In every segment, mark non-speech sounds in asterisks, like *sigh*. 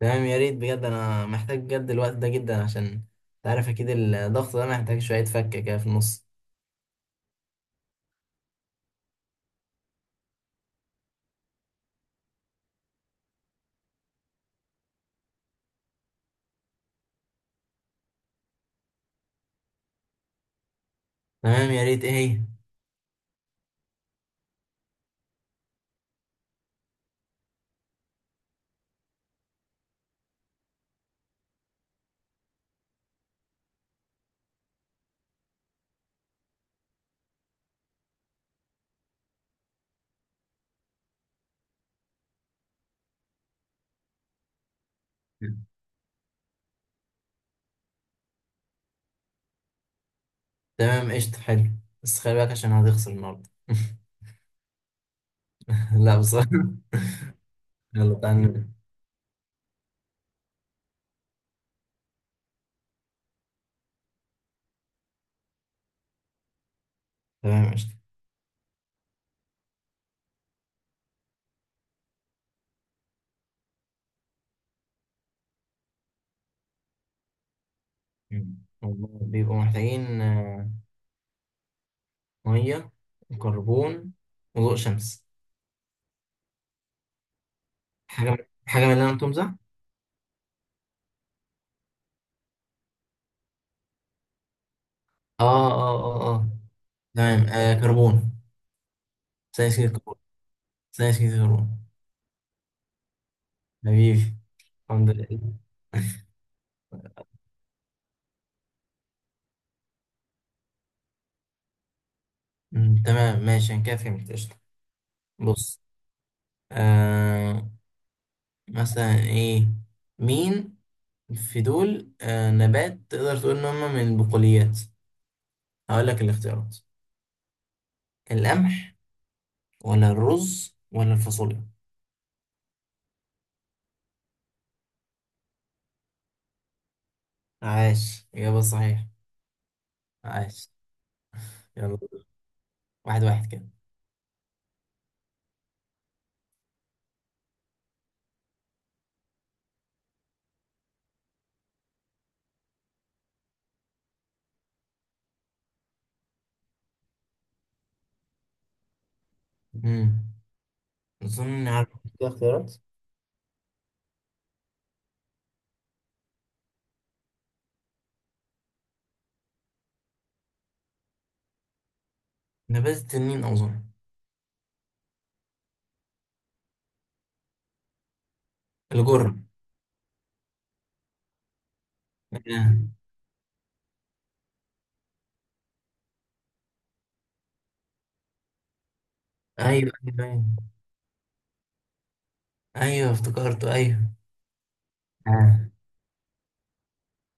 تمام، يا ريت بجد. انا محتاج بجد الوقت ده جدا عشان تعرف. اكيد الضغط ده محتاج شوية فكة كده في النص. تمام، يا ريت. ايه هي؟ تمام، قشطة، حلو. بس خلي بالك عشان هتخسر النهاردة. *laughs* لا بصراحة. يلا تعالى نبدأ. تمام قشطة. والله بيبقوا محتاجين مية وكربون وضوء شمس. حاجة من حاجة من اللي أنا قلتهم صح؟ آه، آه، آه، آه. تمام، كربون. ثاني أكسيد الكربون، ثاني أكسيد الكربون. حبيبي. الحمد لله. *laughs* تمام، ماشي، انا كده فهمت، قشطة. بص. آه مثلا ايه؟ مين في دول نبات تقدر تقول ان هم من البقوليات؟ هقول لك الاختيارات: القمح، ولا الرز، ولا الفاصوليا؟ عاش، إجابة صحيحة. عاش. يلا. واحد واحد كده. امم اظن إني عارف. كده اختيارات. نبات التنين اظن. الجرة. آه. ايوه، ايوه، ايوه. ايوه، افتكرته، ايوه. آه.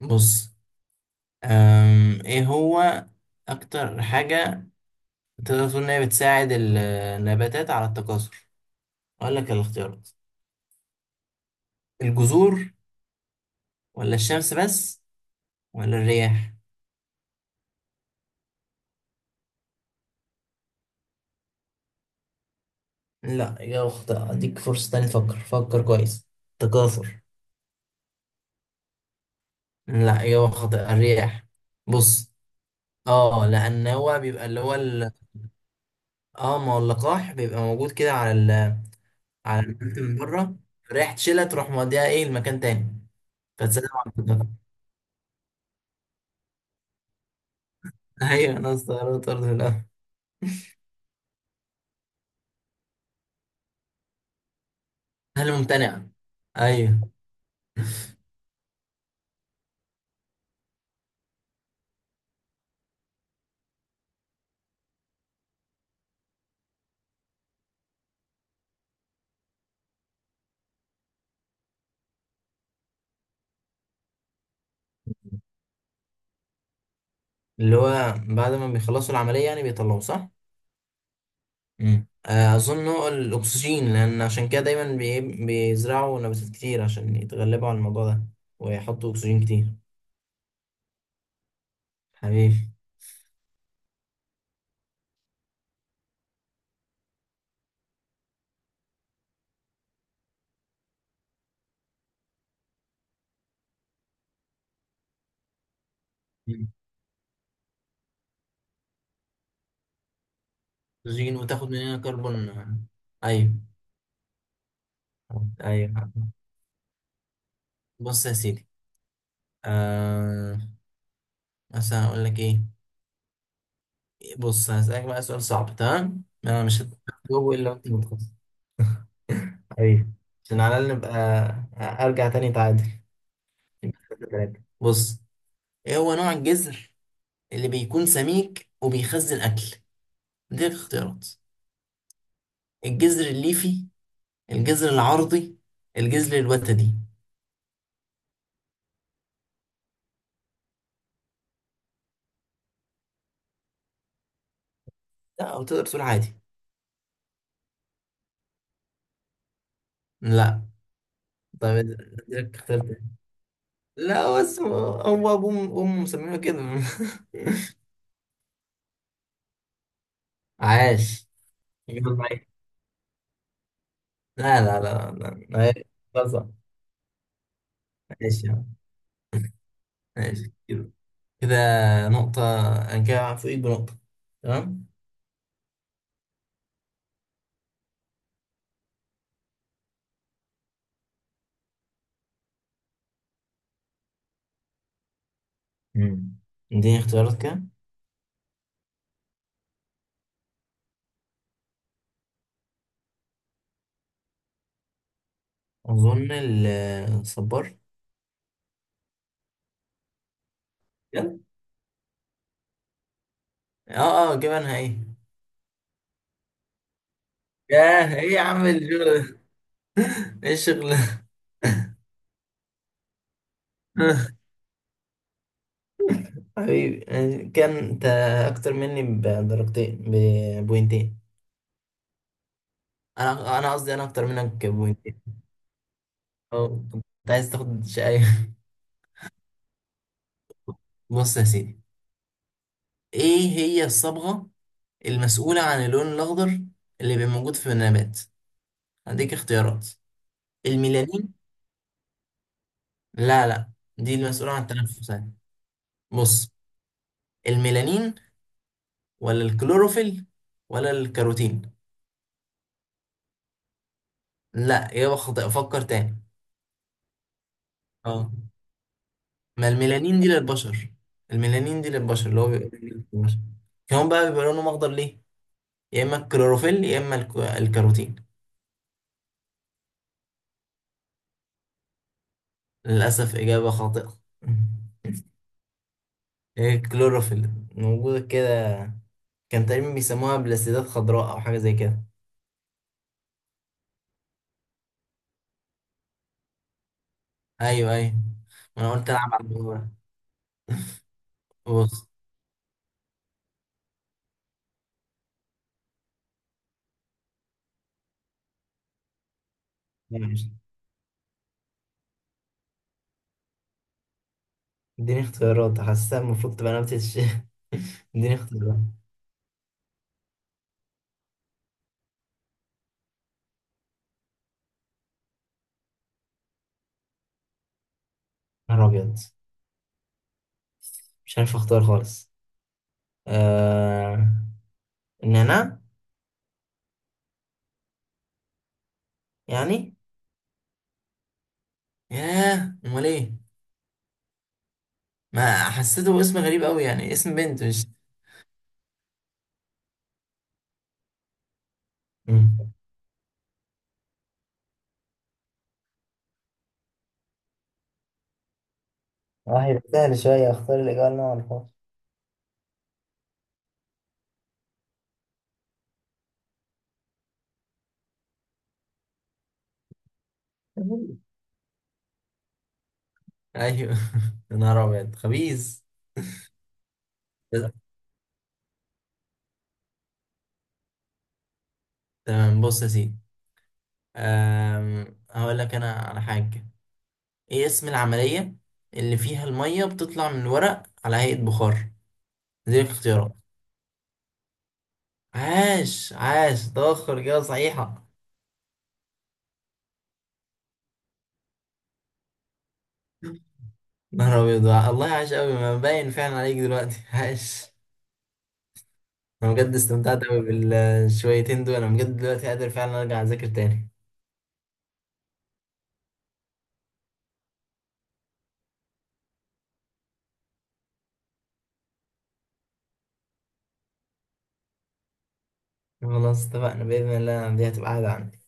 بص. ايه هو اكتر حاجة تقدر تقول انها بتساعد النباتات على التكاثر؟ اقول لك الاختيارات: الجذور، ولا الشمس بس، ولا الرياح؟ لا، إجابة خاطئة. أديك فرصة تانية، تفكر، فكر كويس. تكاثر. لا، إجابة خاطئة. الرياح. بص، اه، لأن هو بيبقى اللي هو. اه، ما هو اللقاح بيبقى موجود كده على النبات من بره. الرياح تشيلها تروح موديها ايه لمكان تاني. فتسلم على التكاثر. *laughs* ايوه، انا استغربت برضه في الأول. هل ممتنع؟ ايوه. اللي هو بعد ما بيخلصوا العمليه يعني بيطلعوا، صح؟ اظن هو الاكسجين، لان عشان كده دايما بيزرعوا نباتات كتير عشان يتغلبوا على الموضوع ده. ويحطوا اكسجين كتير. حبيبي. مم. اكسجين، وتاخد مننا كربون. ايوه، ايوه. بص يا سيدي. آه مثلا اقول لك ايه؟ بص، هسألك بقى سؤال صعب، تمام؟ انا مش هجاوبه الا وانت متخصص. *laughs* ايوه. عشان على الاقل نبقى، ارجع تاني، تعادل تلاتة. بص، ايه هو نوع الجزر اللي بيكون سميك وبيخزن اكل؟ دي الاختيارات: الجزر الليفي، الجزر العرضي، الجزر الوتدي؟ لا، او تقدر تقول عادي. لا. طيب، اديلك اختيار تاني. لا، بس هو، هو ابوه امه مسمينه كده. *laughs* عاش. يلا عليك. لا، لا، لا، لا، لا. طيب، خلاص. ماشي يا عم. ماشي كده. كده نقطة. أنا كده فوقيك بنقطة. تمام؟ مم. اديني اختيارات كده. اظن الصبار. بجد؟ اه، اه، جبنها ايه؟ ياه، ايه يا عم الجو؟ ايه الشغل ده؟ *laughs* حبيبي. كان انت اكتر مني بدرجتين، ببوينتين. انا قصدي انا اكتر منك بوينتين. اه، كنت عايز تاخد شقاية. *laughs* بص يا سيدي. ايه هي الصبغة المسؤولة عن اللون الاخضر اللي بيبقى موجود في النبات؟ هديك اختيارات. الميلانين. لا، لا، دي المسؤولة عن التنفس يعني. بص، الميلانين، ولا الكلوروفيل، ولا الكاروتين؟ لا، اجابه خاطئه، فكر تاني. اه. ما الميلانين دي للبشر. الميلانين دي للبشر، اللي هو بيبقى موجود في البشر. كمان بقى بيبقى لونهم اخضر ليه؟ يا اما الكلوروفيل، يا اما الكاروتين. للاسف، اجابه خاطئه. *laughs* إيه، الكلوروفيل موجوده كده. كان تقريبا بيسموها بلاستيدات خضراء، او حاجه زي كده. ايوه، ايوه. ما انا قلت العب على الموضوع ده. بص. ماشي. اديني اختيارات، حاسسها المفروض تبقى نبتة الشيء. *laughs* اديني اختيارات. نهار ابيض، مش عارف اختار خالص. آه... نانا. يعني. ياه، امال ايه؟ ما حسيته اسم غريب قوي، يعني اسم بنت، مش. مم. واحد سهل شوية، اختار الإجابة اللي أنا معرفهاش. ايوه. *laughs* يا نهار ابيض، خبيث. تمام، بص يا سيدي. هقول لك انا على حاجه. ايه اسم العمليه اللي فيها الميه بتطلع من الورق على هيئه بخار؟ دي الاختيارات. عاش، عاش، تاخر اجابه صحيحه. نهار أبيض، الله، عاش أوي، ما باين فعلا عليك دلوقتي. *laughs* عاش. أنا بجد استمتعت أوي بالشويتين دول. أنا بجد دلوقتي قادر فعلا أرجع أذاكر تاني. خلاص، اتفقنا، بإذن الله دي هتبقى قاعدة عندي.